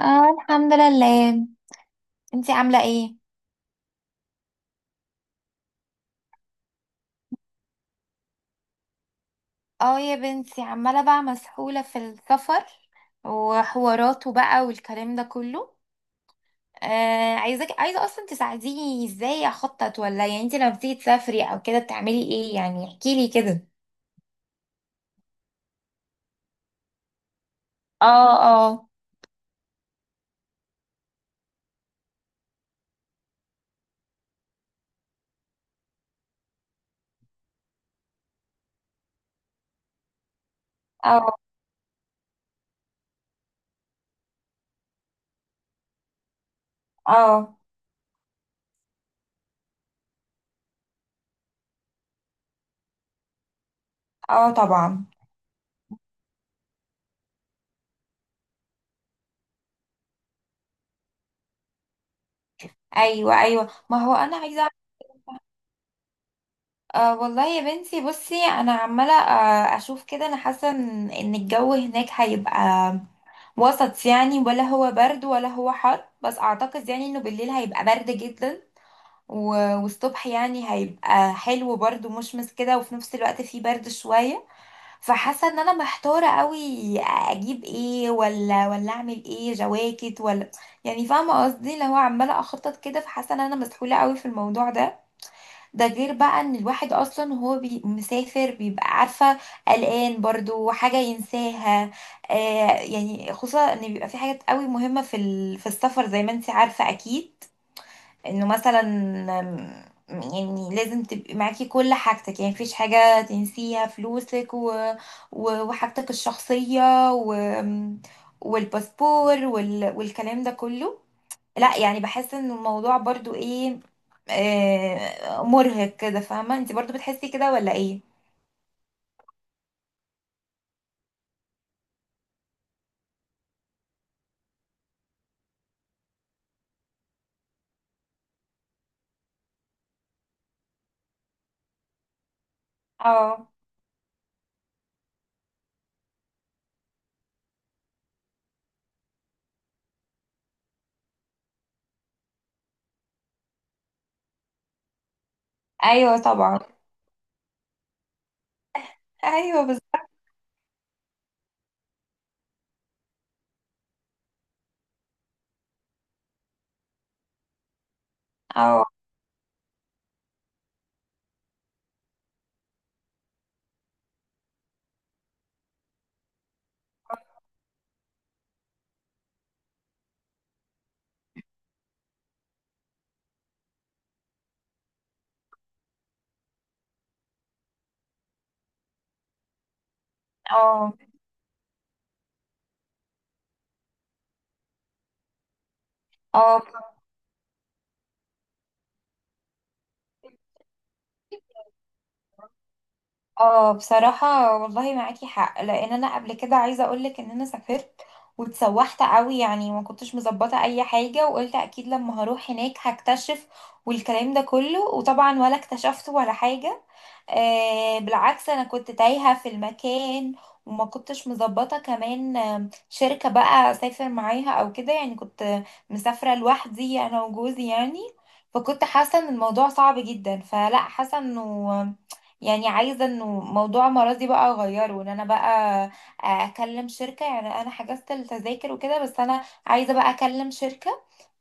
اه، الحمد لله. انتي عاملة ايه؟ اه يا بنتي، عمالة بقى مسحولة في السفر وحواراته بقى والكلام ده كله. عايزة اصلا تساعديني ازاي اخطط، ولا يعني انتي لما بتيجي تسافري او كده بتعملي ايه، يعني احكيلي كده. اه، اه، اه، اه، اه، طبعا. ايوه، ايوه، ما هو انا عايزة. آه والله يا بنتي، بصي، انا عمالة اشوف كده، انا حاسة إن الجو هناك هيبقى وسط، يعني ولا هو برد ولا هو حر، بس اعتقد يعني انه بالليل هيبقى برد جدا، والصبح يعني هيبقى حلو برضه مشمس كده، وفي نفس الوقت فيه برد شوية. فحاسة ان انا محتارة قوي، اجيب ايه؟ ولا اعمل ايه، جواكت ولا، يعني فاهمة قصدي، اللي هو عمالة اخطط كده، فحاسة ان انا مسحولة قوي في الموضوع ده. ده غير بقى ان الواحد اصلا وهو مسافر بيبقى عارفه قلقان برضو حاجه ينساها. آه. يعني خصوصا ان بيبقى في حاجات قوي مهمه في السفر، زي ما انت عارفه اكيد، انه مثلا يعني لازم تبقي معاكي كل حاجتك، يعني مفيش حاجه تنسيها، فلوسك وحاجتك الشخصيه والباسبور والكلام ده كله. لا يعني بحس ان الموضوع برضو ايه، مرهق كده، فاهمة انت برضو بتحسي كده ولا ايه؟ اه. ايوه، طبعا. ايوه، بالظبط. اه، اه، اه، اه. بصراحة والله معاكي حق، لان انا قبل كده عايزة اقولك ان انا سافرت واتسوحت قوي، يعني ما كنتش مظبطة اي حاجة، وقلت اكيد لما هروح هناك هكتشف والكلام ده كله، وطبعا ولا اكتشفت ولا حاجة. بالعكس، انا كنت تايهة في المكان، وما كنتش مظبطة كمان شركة بقى اسافر معاها او كده، يعني كنت مسافرة لوحدي انا وجوزي يعني. فكنت حاسة ان الموضوع صعب جدا، فلا حاسة انه، يعني عايزه انه موضوع مرضي بقى اغيره، وان انا بقى اكلم شركه، يعني انا حجزت التذاكر وكده، بس انا عايزه بقى اكلم شركه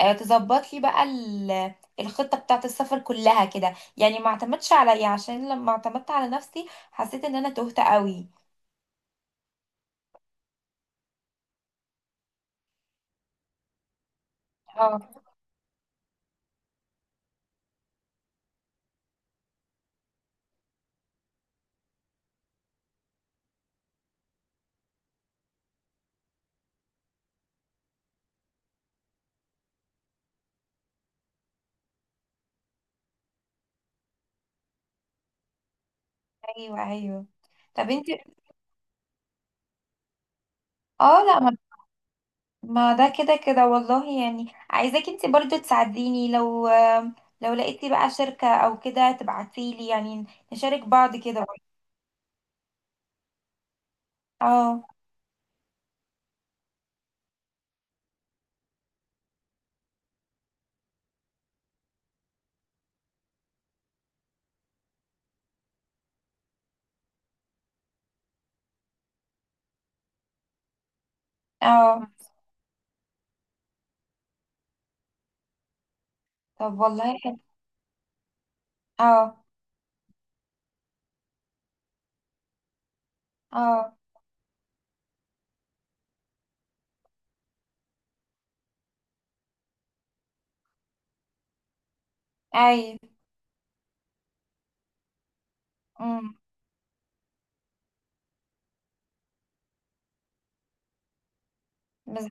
تظبط لي بقى الخطه بتاعه السفر كلها كده، يعني ما اعتمدش عليا، عشان لما اعتمدت على نفسي حسيت ان انا تهت قوي. اه، ايوه، ايوه. طب انت. اه، لا، ما ده كده كده والله، يعني عايزاك انت برضو تساعديني، لو لقيتي بقى شركه او كده تبعتيلي، يعني نشارك بعض كده. اه، اه. طب والله حلو. اه، اه، ايوه، امم. بز-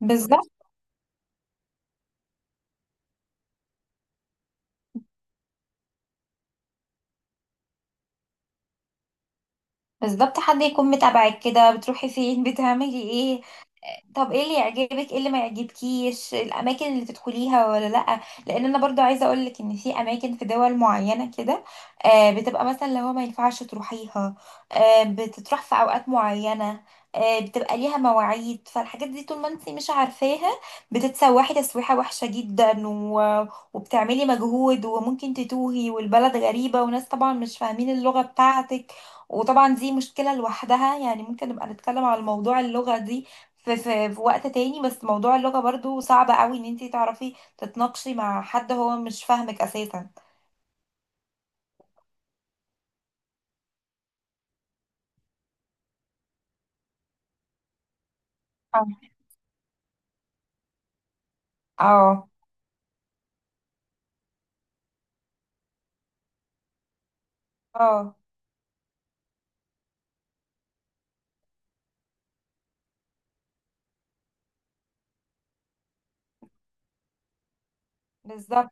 بالظبط. بالظبط، حد يكون متابعك كده، بتروحي فين، بتعملي ايه. طب ايه اللي يعجبك، ايه اللي ما يعجبكيش، الاماكن اللي تدخليها ولا لا، لان انا برضو عايزه اقول لك ان في اماكن في دول معينه كده، بتبقى مثلا لو ما ينفعش تروحيها، بتتروح في اوقات معينه، بتبقى ليها مواعيد. فالحاجات دي طول ما انت مش عارفاها بتتسوحي تسويحه وحشه جدا، و... وبتعملي مجهود، وممكن تتوهي، والبلد غريبه، وناس طبعا مش فاهمين اللغه بتاعتك، وطبعا دي مشكله لوحدها. يعني ممكن نبقى نتكلم على موضوع اللغه دي في وقت تاني، بس موضوع اللغة برضو صعب قوي ان انتي تعرفي تتناقشي مع حد هو مش فاهمك اساسا. اه، اه، اه، بالظبط.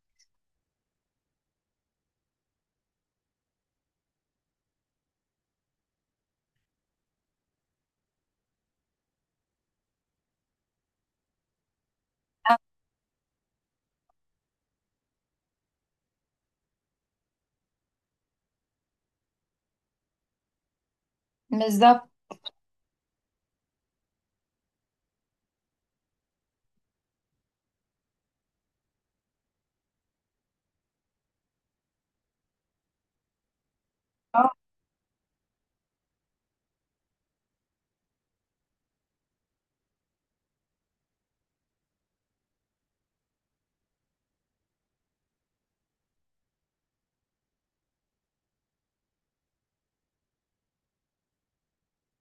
بالظبط. اه،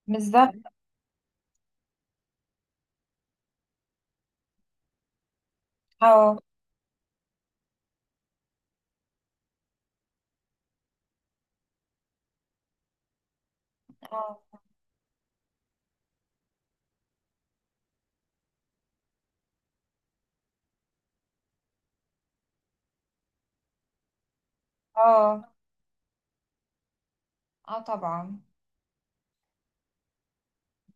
بالظبط. اه، اه، اه، اه، طبعا.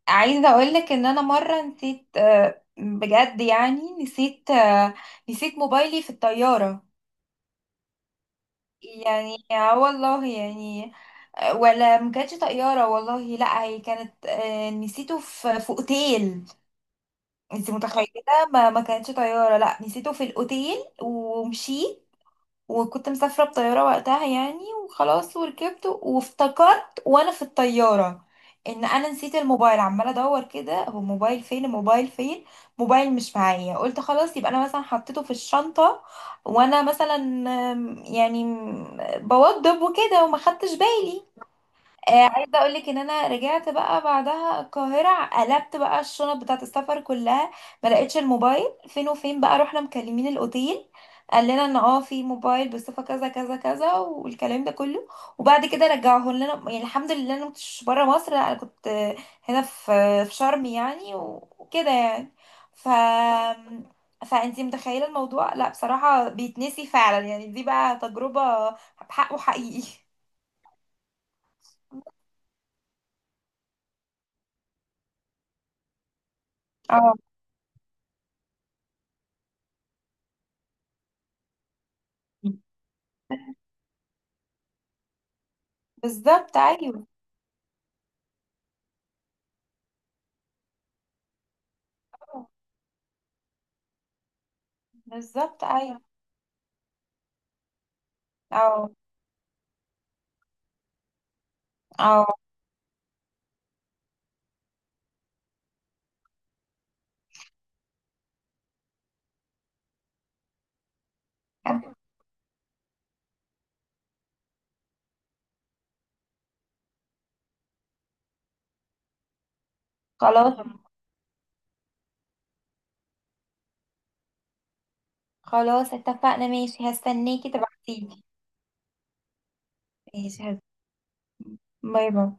عايزة اقولك ان انا مرة نسيت، بجد يعني نسيت، نسيت موبايلي في الطيارة، يعني اه والله يعني. ولا ما كانتش طيارة والله، لا هي كانت، نسيته في اوتيل. انت متخيله؟ ما كانتش طياره، لا، نسيته في الاوتيل ومشيت، وكنت مسافره بطياره وقتها يعني، وخلاص وركبت وافتكرت وانا في الطياره ان انا نسيت الموبايل، عماله ادور كده، هو الموبايل فين، الموبايل فين، موبايل مش معايا. قلت خلاص يبقى انا مثلا حطيته في الشنطه، وانا مثلا يعني بوضب وكده وما خدتش بالي. عايزه اقول لك ان انا رجعت بقى بعدها القاهره، قلبت بقى الشنط بتاعه السفر كلها، ما لقيتش الموبايل فين وفين، بقى رحنا مكلمين الاوتيل، قال لنا ان في موبايل بصفه كذا كذا كذا والكلام ده كله، وبعد كده رجعوه لنا يعني. الحمد لله انا ما كنتش بره مصر، لا انا كنت هنا، في شرم يعني، وكده يعني. ف فانتي متخيله الموضوع؟ لا بصراحه بيتنسي فعلا، يعني دي بقى تجربه بحقه حقيقي. اه، بالظبط، ايوه. بالظبط، ايوه. اه، اه، خلاص. خلاص اتفقنا ماشي، هستنيكي تبعتيلي. ماشي، باي باي.